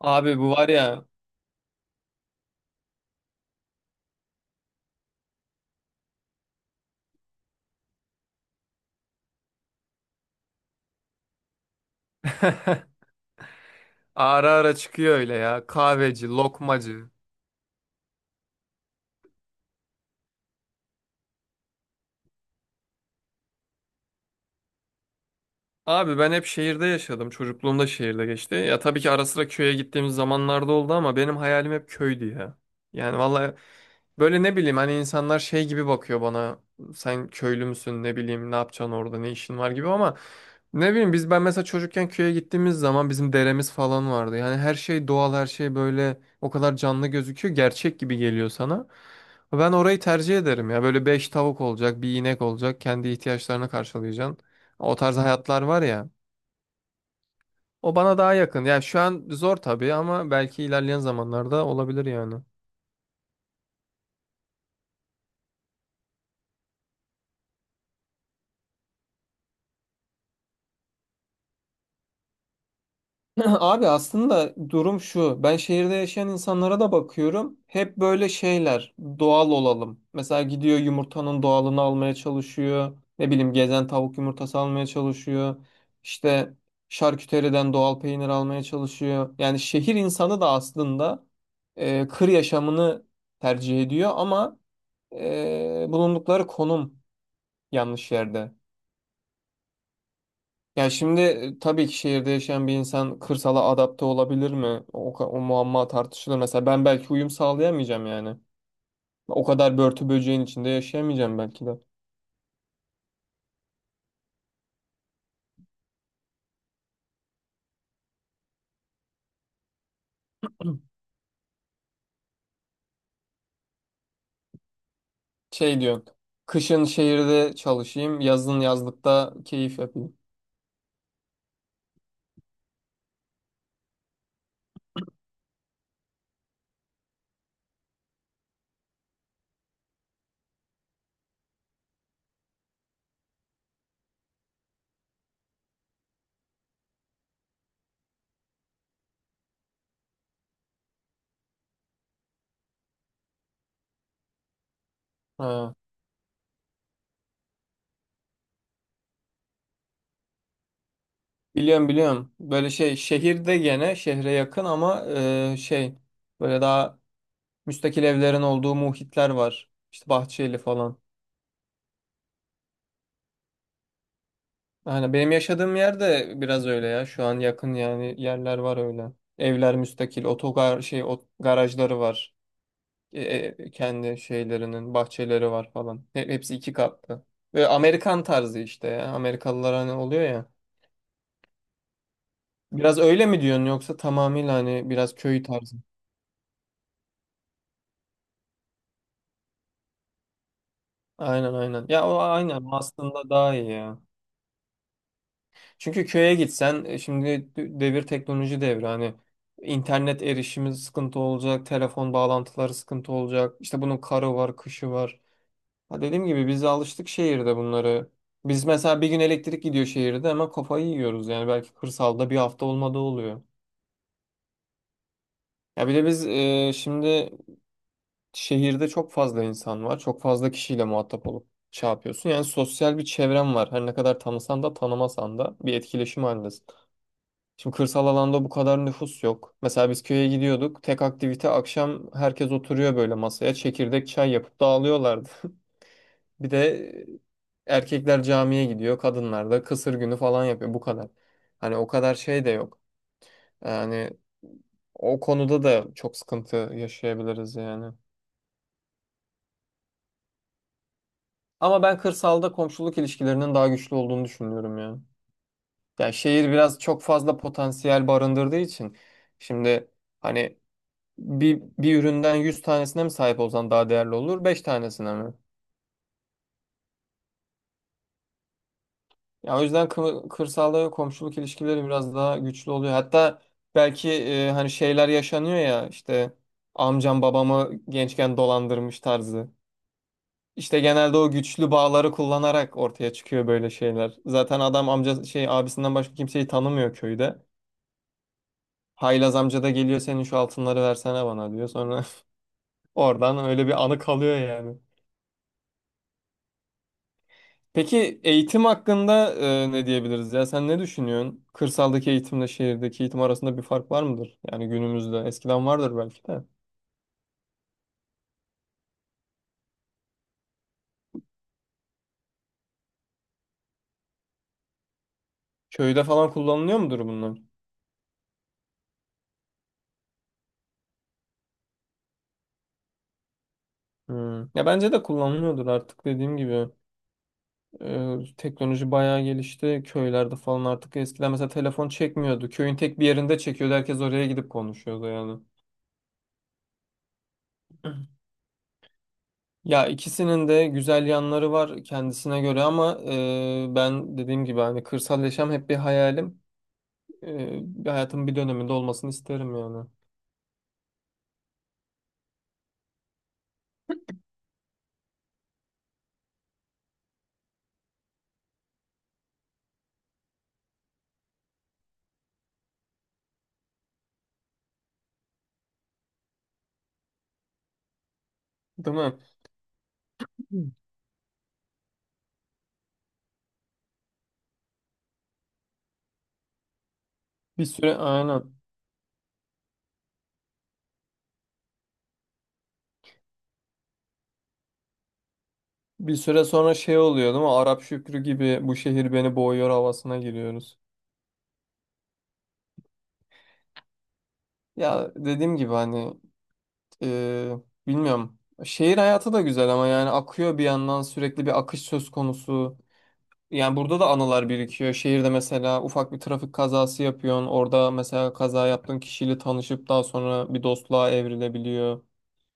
Abi bu var ya. Ara ara çıkıyor öyle ya. Kahveci, lokmacı. Abi ben hep şehirde yaşadım. Çocukluğum da şehirde geçti. Ya tabii ki ara sıra köye gittiğimiz zamanlarda oldu ama benim hayalim hep köydü ya. Yani vallahi, böyle ne bileyim hani insanlar şey gibi bakıyor bana. Sen köylü müsün, ne bileyim ne yapacaksın orada, ne işin var gibi. Ama ne bileyim ben mesela çocukken köye gittiğimiz zaman bizim deremiz falan vardı. Yani her şey doğal, her şey böyle o kadar canlı gözüküyor, gerçek gibi geliyor sana. Ben orayı tercih ederim ya, böyle beş tavuk olacak, bir inek olacak, kendi ihtiyaçlarını karşılayacaksın. O tarz hayatlar var ya, o bana daha yakın. Yani şu an zor tabii ama belki ilerleyen zamanlarda olabilir yani. Abi aslında durum şu. Ben şehirde yaşayan insanlara da bakıyorum. Hep böyle şeyler. Doğal olalım. Mesela gidiyor yumurtanın doğalını almaya çalışıyor. Ne bileyim gezen tavuk yumurtası almaya çalışıyor. İşte şarküteriden doğal peynir almaya çalışıyor. Yani şehir insanı da aslında kır yaşamını tercih ediyor ama bulundukları konum yanlış yerde. Ya şimdi tabii ki şehirde yaşayan bir insan kırsala adapte olabilir mi? O muamma tartışılır. Mesela ben belki uyum sağlayamayacağım yani. O kadar börtü böceğin içinde yaşayamayacağım belki de. Şey diyorsun. Kışın şehirde çalışayım, yazın yazlıkta keyif yapayım. Ha. Biliyorum, biliyorum. Böyle şey, şehirde gene, şehre yakın ama e, şey böyle daha müstakil evlerin olduğu muhitler var. İşte Bahçeli falan. Aynen benim yaşadığım yerde biraz öyle ya. Şu an yakın yani, yerler var öyle. Evler müstakil, garajları var. Kendi şeylerinin bahçeleri var falan. Hepsi iki katlı. Ve Amerikan tarzı işte ya. Amerikalılar hani oluyor ya. Biraz öyle mi diyorsun yoksa tamamıyla hani biraz köy tarzı? Aynen, aynen. Ya o aynen aslında daha iyi ya. Çünkü köye gitsen şimdi devir teknoloji devri hani, internet erişimi sıkıntı olacak, telefon bağlantıları sıkıntı olacak. İşte bunun karı var, kışı var. Ha, dediğim gibi biz alıştık şehirde bunları. Biz mesela bir gün elektrik gidiyor şehirde hemen kafayı yiyoruz yani, belki kırsalda bir hafta olmadığı oluyor. Ya bir de biz şimdi şehirde çok fazla insan var. Çok fazla kişiyle muhatap olup şey yapıyorsun. Yani sosyal bir çevren var. Her ne kadar tanısan da tanımasan da bir etkileşim halindesin. Şimdi kırsal alanda bu kadar nüfus yok. Mesela biz köye gidiyorduk. Tek aktivite akşam herkes oturuyor böyle masaya. Çekirdek, çay yapıp dağılıyorlardı. Bir de erkekler camiye gidiyor. Kadınlar da kısır günü falan yapıyor. Bu kadar. Hani o kadar şey de yok. Yani o konuda da çok sıkıntı yaşayabiliriz yani. Ama ben kırsalda komşuluk ilişkilerinin daha güçlü olduğunu düşünüyorum ya. Yani şehir biraz çok fazla potansiyel barındırdığı için. Şimdi hani bir üründen 100 tanesine mi sahip olsan daha değerli olur, 5 tanesine mi? Ya o yüzden kırsalda komşuluk ilişkileri biraz daha güçlü oluyor. Hatta belki hani şeyler yaşanıyor ya, işte amcam babamı gençken dolandırmış tarzı. İşte genelde o güçlü bağları kullanarak ortaya çıkıyor böyle şeyler. Zaten adam amca şey abisinden başka kimseyi tanımıyor köyde. Haylaz amca da geliyor, senin şu altınları versene bana diyor. Sonra oradan öyle bir anı kalıyor yani. Peki eğitim hakkında ne diyebiliriz ya? Sen ne düşünüyorsun? Kırsaldaki eğitimle şehirdeki eğitim arasında bir fark var mıdır? Yani günümüzde, eskiden vardır belki de. Köyde falan kullanılıyor mudur bunlar? Hmm. Ya bence de kullanılıyordur artık, dediğim gibi. E, teknoloji bayağı gelişti. Köylerde falan artık eskiden mesela telefon çekmiyordu. Köyün tek bir yerinde çekiyordu. Herkes oraya gidip konuşuyordu yani. Ya ikisinin de güzel yanları var kendisine göre ama ben dediğim gibi hani kırsal yaşam hep bir hayalim. e, Bir hayatımın bir döneminde olmasını isterim yani. Değil mi? Bir süre aynen. Bir süre sonra şey oluyor değil mi? Arap Şükrü gibi bu şehir beni boğuyor havasına giriyoruz. Ya dediğim gibi hani e, bilmiyorum. Şehir hayatı da güzel ama yani akıyor bir yandan, sürekli bir akış söz konusu. Yani burada da anılar birikiyor. Şehirde mesela ufak bir trafik kazası yapıyorsun. Orada mesela kaza yaptığın kişiyle tanışıp daha sonra bir dostluğa evrilebiliyor.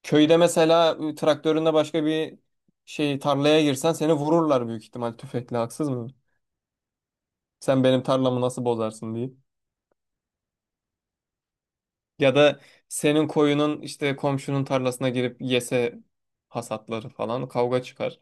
Köyde mesela traktörünle başka bir şey tarlaya girsen seni vururlar büyük ihtimal tüfekle, haksız mı? Sen benim tarlamı nasıl bozarsın diye. Ya da senin koyunun işte komşunun tarlasına girip yese, hasatları falan, kavga çıkar.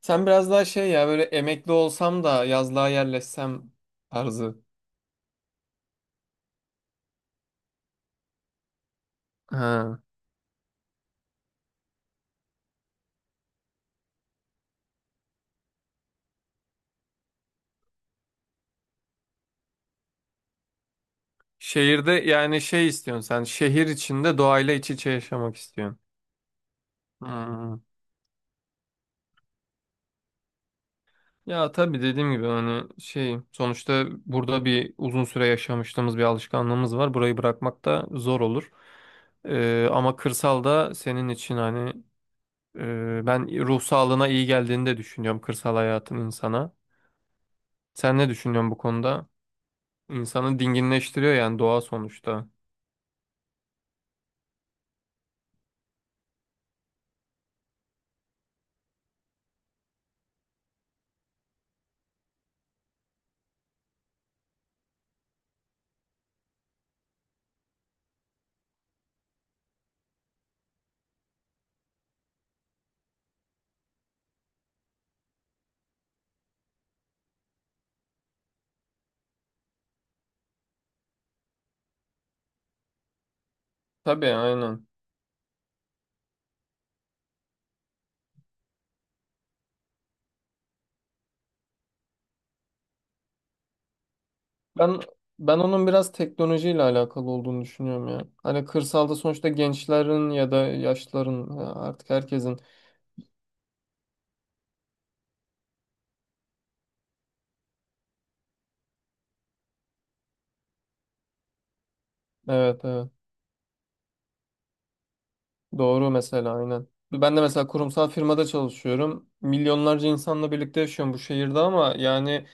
Sen biraz daha şey ya, böyle emekli olsam da yazlığa yerleşsem tarzı. Ha. Şehirde yani şey istiyorsun, sen şehir içinde doğayla iç içe yaşamak istiyorsun. Hmm. Ya tabii dediğim gibi hani şey, sonuçta burada bir uzun süre yaşamışlığımız, bir alışkanlığımız var. Burayı bırakmak da zor olur. Ama kırsalda senin için hani ben ruh sağlığına iyi geldiğini de düşünüyorum kırsal hayatın insana. Sen ne düşünüyorsun bu konuda? İnsanı dinginleştiriyor yani, doğa sonuçta. Tabii aynen. Ben ben onun biraz teknolojiyle alakalı olduğunu düşünüyorum ya. Hani kırsalda sonuçta gençlerin ya da yaşlıların ya artık herkesin... Evet, evet. Doğru mesela, aynen. Ben de mesela kurumsal firmada çalışıyorum. Milyonlarca insanla birlikte yaşıyorum bu şehirde ama yani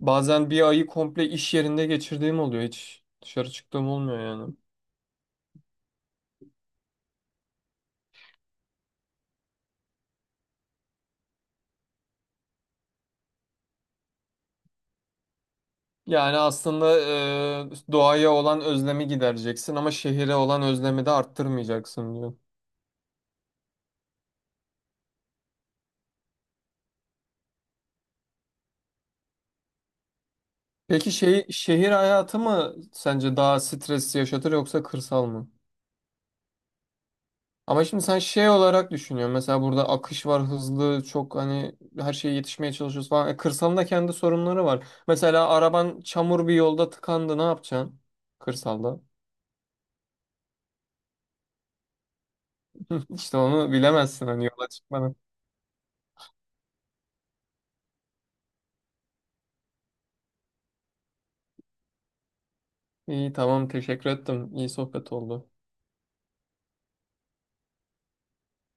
bazen bir ayı komple iş yerinde geçirdiğim oluyor. Hiç dışarı çıktığım olmuyor yani. Yani aslında doğaya olan özlemi gidereceksin ama şehire olan özlemi de arttırmayacaksın diyor. Peki şey, şehir hayatı mı sence daha stres yaşatır yoksa kırsal mı? Ama şimdi sen şey olarak düşünüyorsun. Mesela burada akış var, hızlı, çok, hani her şeye yetişmeye çalışıyoruz falan. E, kırsalın da kendi sorunları var. Mesela araban çamur bir yolda tıkandı, ne yapacaksın? Kırsalda. İşte onu bilemezsin hani, yola çıkmadan. İyi, tamam, teşekkür ettim. İyi sohbet oldu.